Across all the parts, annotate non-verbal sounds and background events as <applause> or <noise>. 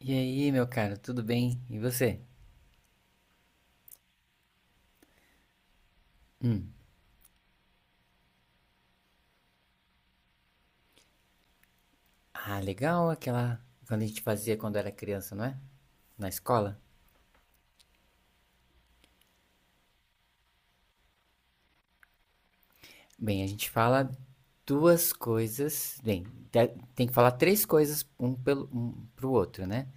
E aí, meu caro, tudo bem? E você? Ah, legal aquela. Quando a gente fazia quando era criança, não é? Na escola? Bem, a gente fala duas coisas. Bem, te- tem que falar três coisas um pelo um pro outro, né?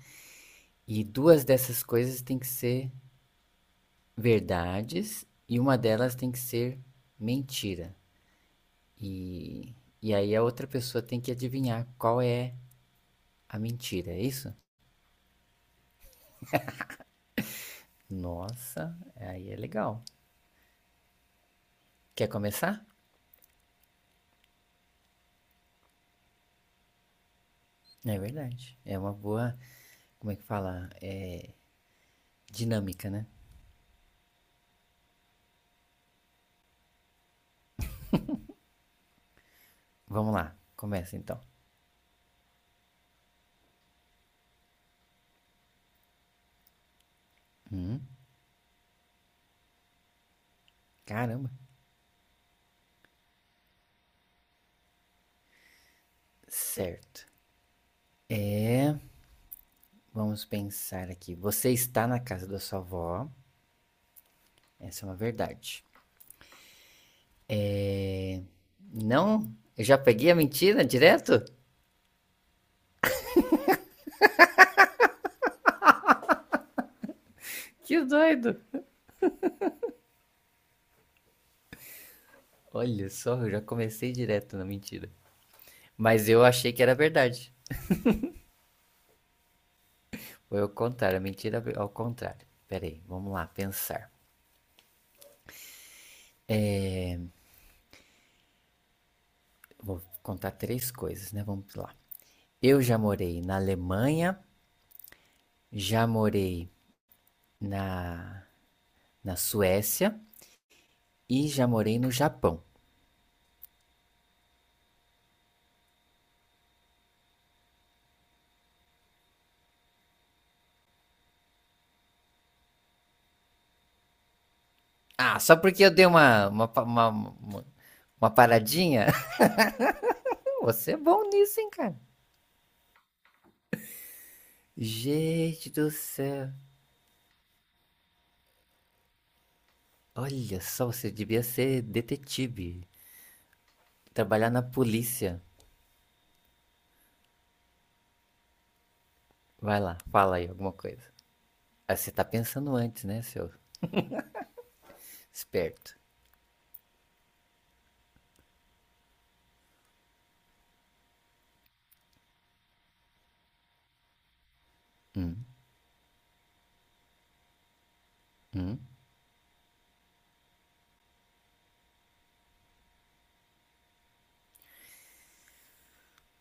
E duas dessas coisas tem que ser verdades e uma delas tem que ser mentira. E, e aí a outra pessoa tem que adivinhar qual é a mentira, é isso? Nossa, aí é legal. Quer começar? É verdade. É uma boa, como é que fala? É dinâmica, né? Vamos lá, começa então. Caramba. Certo. Vamos pensar aqui. Você está na casa da sua avó. Essa é uma verdade. É. Não? Eu já peguei a mentira direto? Que doido! Olha só, eu já comecei direto na mentira. Mas eu achei que era verdade. Foi ao contrário, a mentira é ao contrário. Pera aí, vamos lá, pensar. Vou contar três coisas, né? Vamos lá. Eu já morei na Alemanha, já morei na, na Suécia e já morei no Japão. Ah, só porque eu dei uma, pa- uma paradinha? <laughs> Você é bom nisso, hein, cara? Gente do céu. Olha só, você devia ser detetive. Trabalhar na polícia. Vai lá, fala aí alguma coisa. Ah, você tá pensando antes, né, seu esperto?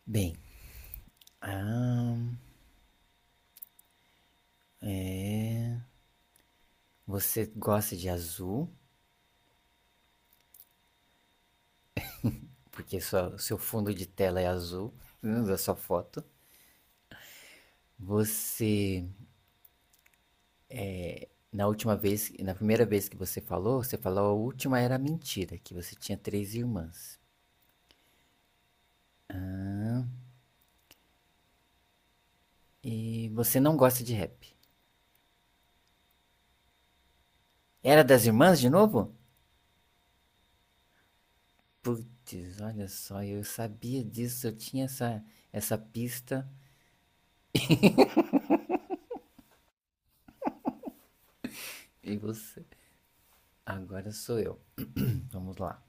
Bem, ah, você gosta de azul? Porque sua, seu fundo de tela é azul, né, da sua foto. Você, na última vez, na primeira vez que você falou a última era mentira, que você tinha três irmãs. E você não gosta de rap. Era das irmãs de novo? Putz, olha só, eu sabia disso, eu tinha essa, pista. E você? Agora sou eu. Vamos lá.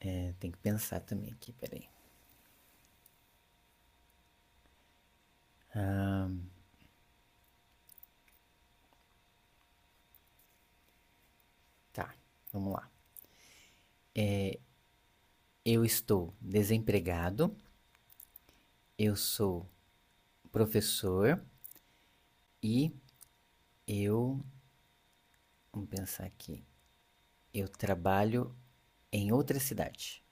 É, tem que pensar também aqui, peraí. Tá, vamos lá. Eu estou desempregado, eu sou professor, e eu, vamos pensar aqui, eu trabalho em outra cidade.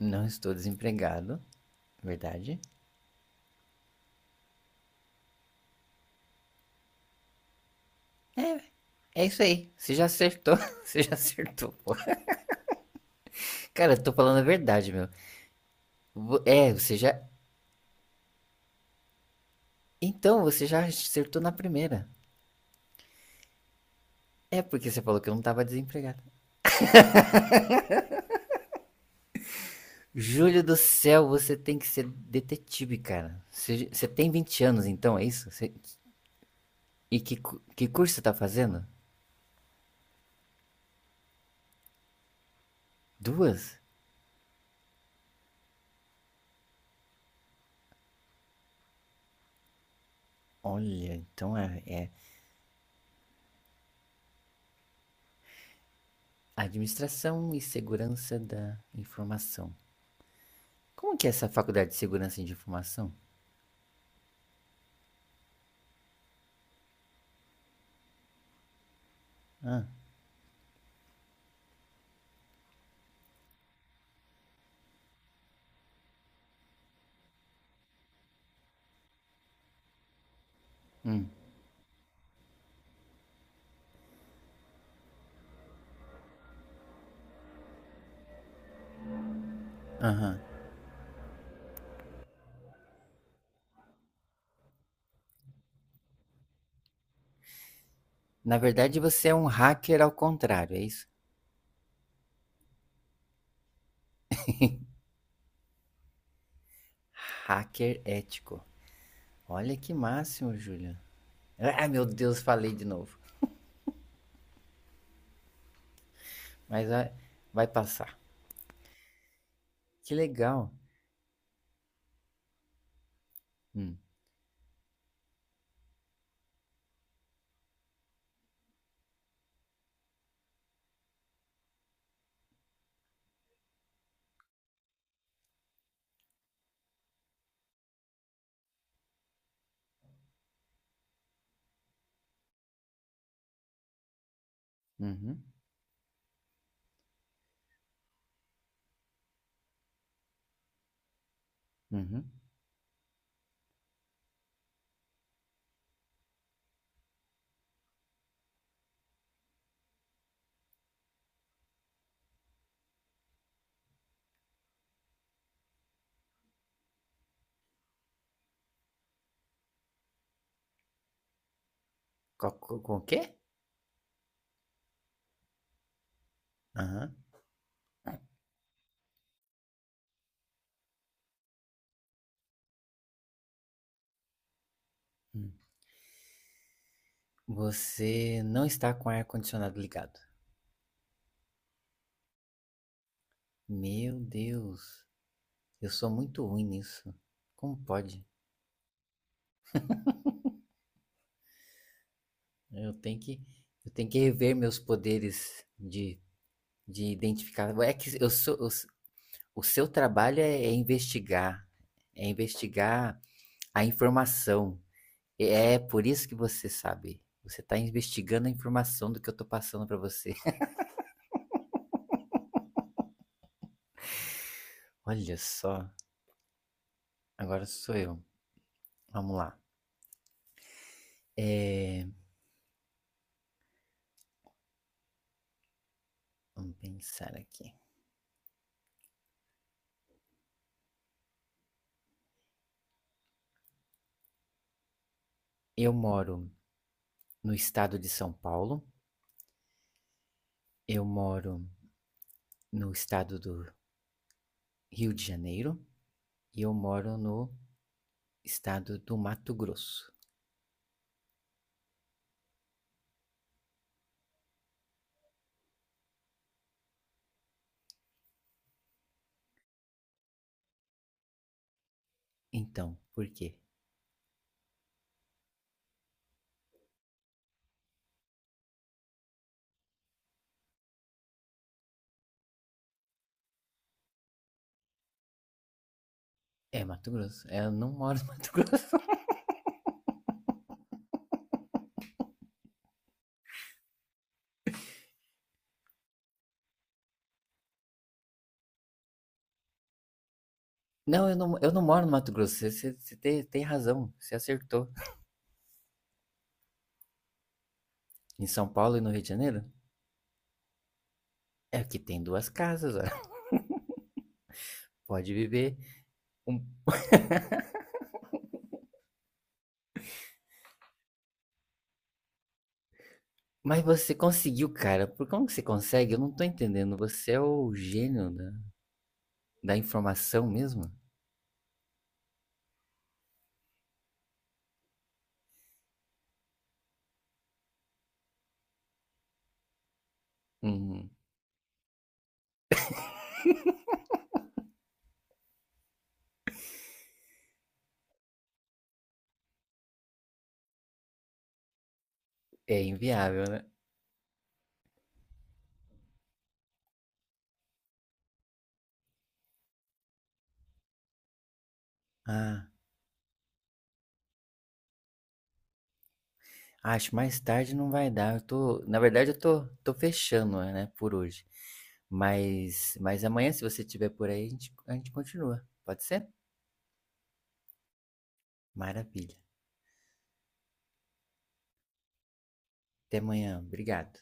Não estou desempregado, verdade? É, é isso aí. Você já acertou. <laughs> Você já acertou, pô. Cara, eu tô falando a verdade, meu. É, você já. Então, você já acertou na primeira. É porque você falou que eu não tava desempregado. Júlio do céu, você tem que ser detetive, cara. Você tem 20 anos, então, é isso? E que, que curso você tá fazendo? Duas? Olha, então é Administração e Segurança da Informação. Como que é essa faculdade de Segurança de Informação? Hum, aham. Na verdade, você é um hacker ao contrário, é isso? Hacker ético. Olha que máximo, Júlia. Ah, meu Deus, falei de novo. Mas vai passar. Que legal. Hum, uhum, uhum. Com o quê? Aham. Hum. Você não está com o ar-condicionado ligado. Meu Deus, eu sou muito ruim nisso. Como pode? Eu tenho que, eu tenho que rever meus poderes de, identificar. É que eu sou, eu o seu trabalho é investigar a informação. É por isso que você sabe. Você está investigando a informação do que eu tô passando para você. <laughs> Olha só, agora sou eu. Vamos lá. É, vamos pensar aqui. Eu moro no estado de São Paulo. Eu moro no estado do Rio de Janeiro. E eu moro no estado do Mato Grosso. Então, por quê? É Mato Grosso. Eu não moro no Mato Grosso. <laughs> Não, eu não moro no Mato Grosso. Você tem razão. Você acertou. Em São Paulo e no Rio de Janeiro? É que tem duas casas, ó. Pode viver. Um- Mas você conseguiu, cara. Por Como que você consegue? Eu não tô entendendo. Você é o gênio da, informação mesmo? Hum, é inviável, né? Ah, acho mais tarde não vai dar. Na verdade, eu tô fechando, né, por hoje. Mas amanhã, se você estiver por aí, a gente continua. Pode ser? Maravilha. Até amanhã. Obrigado.